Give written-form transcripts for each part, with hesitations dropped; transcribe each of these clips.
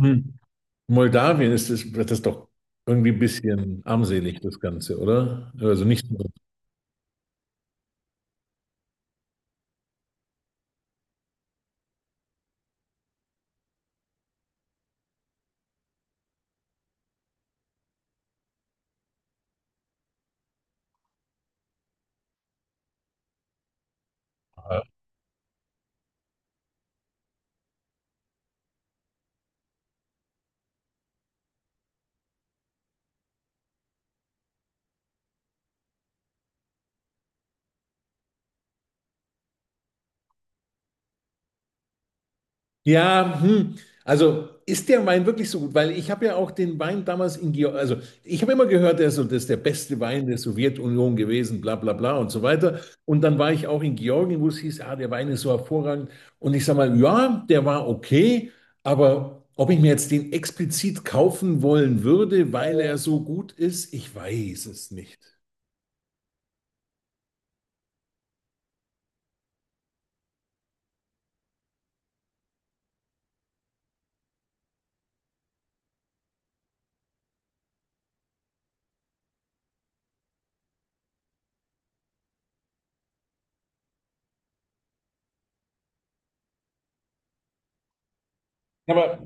Hm. Moldawien ist das ist doch irgendwie ein bisschen armselig, das Ganze, oder? Also nicht so. Total. Ja, hm. Also ist der Wein wirklich so gut? Weil ich habe ja auch den Wein damals in Georgien, also ich habe immer gehört, der ist so, das ist der beste Wein der Sowjetunion gewesen, bla bla bla und so weiter. Und dann war ich auch in Georgien, wo es hieß, ah, der Wein ist so hervorragend. Und ich sage mal, ja, der war okay, aber ob ich mir jetzt den explizit kaufen wollen würde, weil er so gut ist, ich weiß es nicht. Aber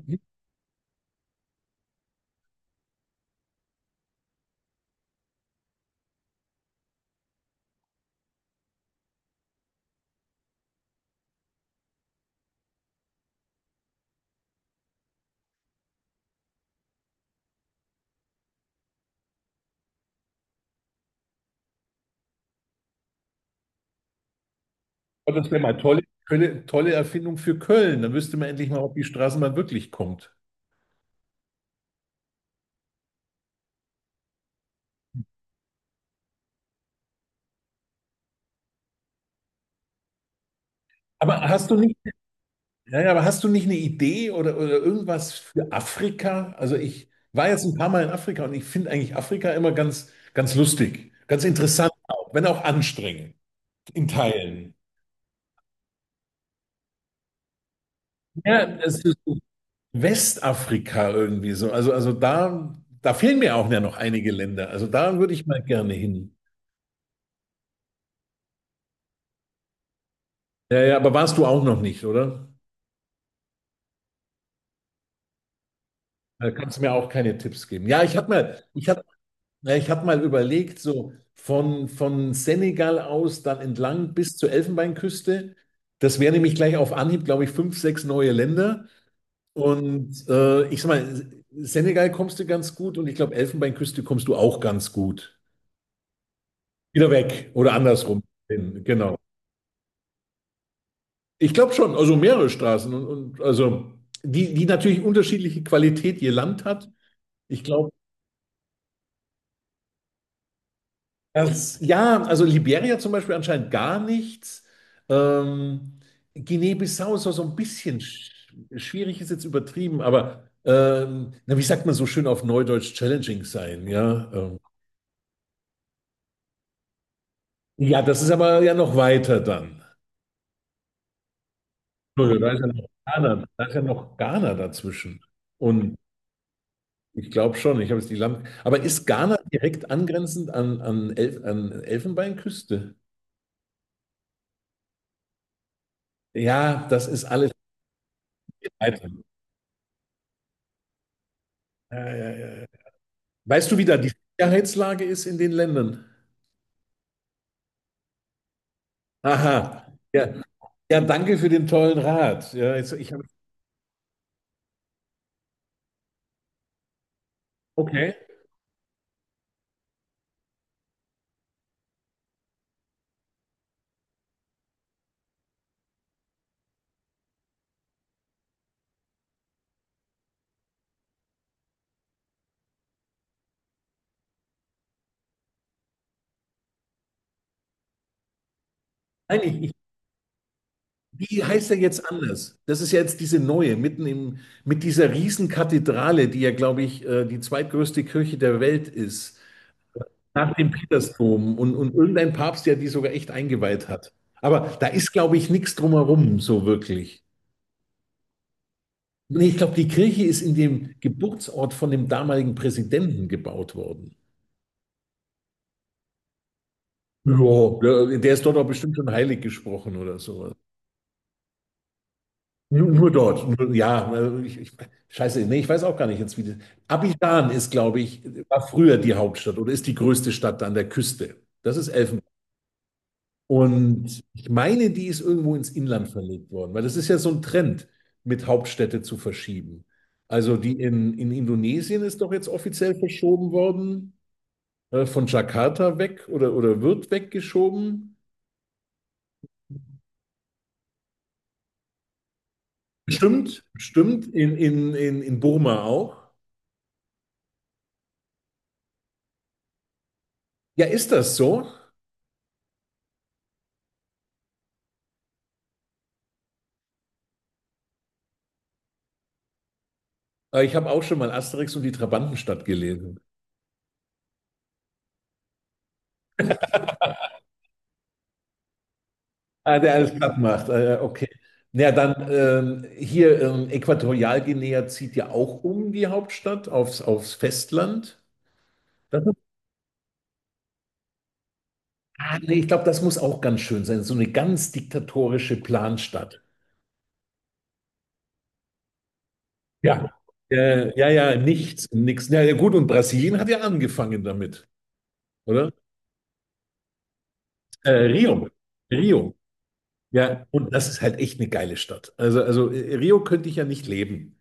oh, das wäre mal tolle Erfindung für Köln. Dann wüsste man endlich mal, ob die Straßenbahn wirklich kommt. Aber hast du nicht, ja, ja, aber hast du nicht eine Idee oder irgendwas für Afrika? Also ich war jetzt ein paar Mal in Afrika und ich finde eigentlich Afrika immer ganz, ganz lustig, ganz interessant, auch, wenn auch anstrengend in Teilen. Ja, es ist so Westafrika irgendwie so. Also da fehlen mir auch ja noch einige Länder. Also da würde ich mal gerne hin. Ja, ja, aber warst du auch noch nicht, oder? Da kannst du mir auch keine Tipps geben. Ja, ich hab mal überlegt, so von Senegal aus dann entlang bis zur Elfenbeinküste. Das wäre nämlich gleich auf Anhieb, glaube ich, fünf, sechs neue Länder. Und ich sag mal, Senegal kommst du ganz gut und ich glaube, Elfenbeinküste kommst du auch ganz gut. Wieder weg oder andersrum. Hin, genau. Ich glaube schon, also mehrere Straßen und die natürlich unterschiedliche Qualität je Land hat. Ich glaube, das, ja, also Liberia zum Beispiel anscheinend gar nichts. Ähm, Guinea-Bissau ist auch so ein bisschen schwierig, ist jetzt übertrieben, aber na, wie sagt man so schön auf Neudeutsch, challenging sein, ja. Ja, das ist aber ja noch weiter dann. Entschuldigung, da ist ja noch Ghana dazwischen. Und ich glaube schon, ich habe jetzt die Land. Aber ist Ghana direkt angrenzend an Elfenbeinküste? Ja, das ist alles weiter. Ja, ja, ja. Weißt du, wie da die Sicherheitslage ist in den Ländern? Aha. Ja, ja, danke für den tollen Rat. Okay. Nein, ich, wie heißt er jetzt anders? Das ist ja jetzt diese neue, mit dieser Riesenkathedrale, die ja, glaube ich, die zweitgrößte Kirche der Welt ist, nach dem Petersdom und irgendein Papst, der die sogar echt eingeweiht hat. Aber da ist, glaube ich, nichts drumherum, so wirklich. Nee, ich glaube, die Kirche ist in dem Geburtsort von dem damaligen Präsidenten gebaut worden. Ja, der ist dort auch bestimmt schon heilig gesprochen oder sowas. Nur, nur dort. Nur, ja, also scheiße, nee, ich weiß auch gar nicht jetzt, wie das. Abidjan ist, glaube ich, war früher die Hauptstadt oder ist die größte Stadt an der Küste. Das ist Elfenbein. Und ich meine, die ist irgendwo ins Inland verlegt worden, weil das ist ja so ein Trend, mit Hauptstädte zu verschieben. Also die in Indonesien ist doch jetzt offiziell verschoben worden, von Jakarta weg oder wird weggeschoben. Stimmt, stimmt, in Burma auch. Ja, ist das so? Ich habe auch schon mal Asterix und die Trabantenstadt gelesen. Ah, der alles platt macht. Okay. Na ja, dann hier Äquatorialguinea zieht ja auch um die Hauptstadt aufs Festland. Das ist, ah, nee, ich glaube, das muss auch ganz schön sein. So eine ganz diktatorische Planstadt. Ja. Ja, nichts. Ja, ja, gut, und Brasilien hat ja angefangen damit, oder? Rio. Rio. Ja, und das ist halt echt eine geile Stadt. Also Rio könnte ich ja nicht leben,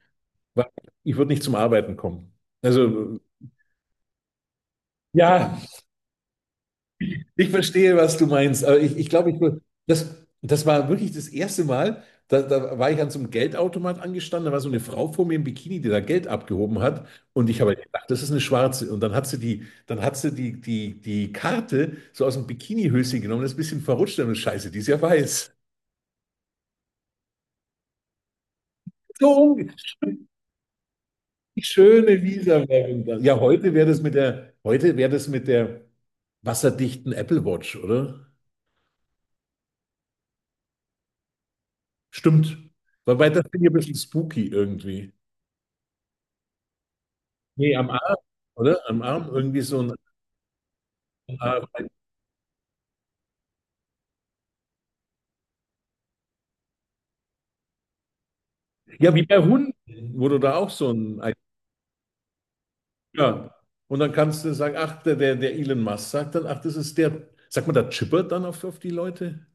weil ich würde nicht zum Arbeiten kommen. Also, ja, ich verstehe, was du meinst, aber ich glaube, das, das war wirklich das erste Mal, da war ich an so einem Geldautomat angestanden, da war so eine Frau vor mir im Bikini, die da Geld abgehoben hat und ich habe halt gedacht, das ist eine Schwarze und dann hat die Karte so aus dem Bikinihöschen genommen, das ist ein bisschen verrutscht und Scheiße, die ist ja weiß. So, um- Die schöne Visa-Werbung. Das. Ja, heute wäre das mit der wasserdichten Apple Watch, oder? Stimmt. Wobei das finde ich ein bisschen spooky irgendwie. Nee, am Arm, oder? Am Arm irgendwie so ein. Ja, wie bei Hunden, wo du da auch so ein. Ja. Und dann kannst du sagen, ach, der Elon Musk sagt dann, ach, das ist der. Sagt man da chippert dann auf die Leute?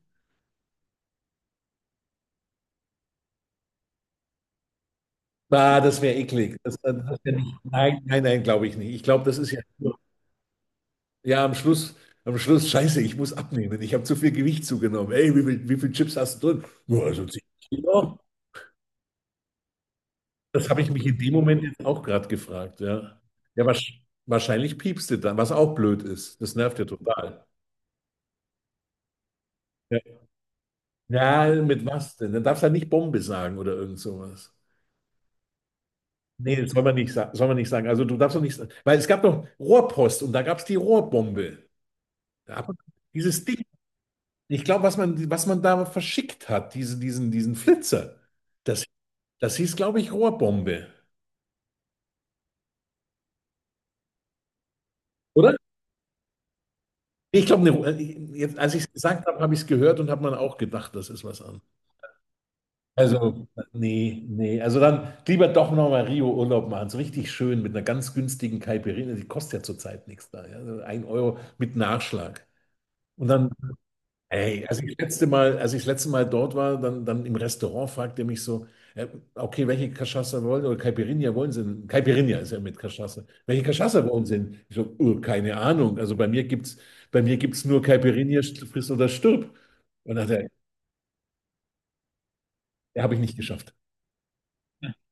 Ah, das wäre eklig. Das wär nicht, nein, nein, nein, glaube ich nicht. Ich glaube, das ist ja. Ja, am Schluss, scheiße, ich muss abnehmen. Ich habe zu viel Gewicht zugenommen. Ey, wie viel Chips hast du drin? Nur also 10 Kilo. Das habe ich mich in dem Moment jetzt auch gerade gefragt, ja. Ja, wahrscheinlich piepst du dann, was auch blöd ist. Das nervt ja total. Ja, ja, mit was denn? Dann darfst du ja nicht Bombe sagen oder irgend sowas. Nee, das soll man nicht sagen. Soll man nicht sagen. Also du darfst doch nicht sagen. Weil es gab doch Rohrpost und da gab es die Rohrbombe. Da hat man dieses Ding. Ich glaube, was man da verschickt hat, diesen Flitzer, das. Das hieß, glaube ich, Rohrbombe, oder? Ich glaube, jetzt, als ich es gesagt habe, habe ich es gehört und habe man auch gedacht, das ist was an. Also, nee, nee. Also dann lieber doch nochmal Rio Urlaub machen. So richtig schön mit einer ganz günstigen Caipirinha. Die kostet ja zurzeit nichts da. Ja? Also 1 Euro mit Nachschlag. Und dann ey, als ich das letzte Mal dort war, dann im Restaurant fragte er mich so, äh, okay, welche Cachaça wollen oder Caipirinha wollen Sie denn? Caipirinha ist ja mit Cachaça. Welche Cachaça wollen Sie denn? Ich so, keine Ahnung. Also bei mir gibt's nur Caipirinha, friss oder stirb. Und dann hat er, ja, habe ich nicht geschafft.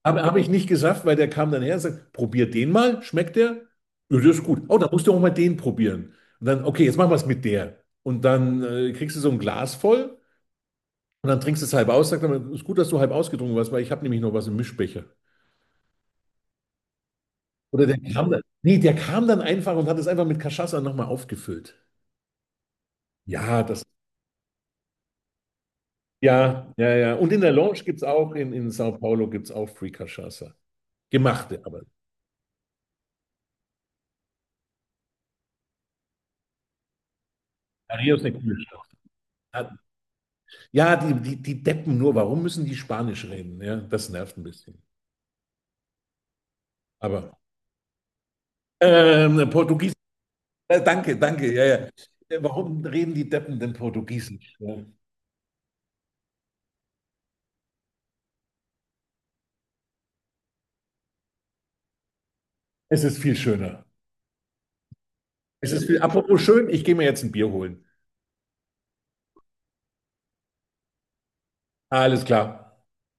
Aber habe ich nicht geschafft, weil der kam dann her und sagt, probier den mal, schmeckt der? Ja, das ist gut. Oh, dann musst du auch mal den probieren. Und dann, okay, jetzt machen wir es mit der. Und dann kriegst du so ein Glas voll. Und dann trinkst du es halb aus, sagt man, ist gut, dass du halb ausgetrunken warst, weil ich habe nämlich noch was im Mischbecher. Oder der kam dann, nee, der kam dann einfach und hat es einfach mit Cachaça nochmal aufgefüllt. Ja, das, ja, ja, ja. Und in der Lounge gibt es auch, in Sao Paulo gibt es auch free Cachaça. Gemachte, aber. Ja, Rio ist eine coole Stadt. Ja, ja, die Deppen nur, warum müssen die Spanisch reden? Ja, das nervt ein bisschen. Aber Portugiesisch, danke, danke, ja, ja. Warum reden die Deppen denn Portugiesisch? Ja. Es ist viel schöner. Es ist viel. Apropos schön, ich gehe mir jetzt ein Bier holen. Alles klar.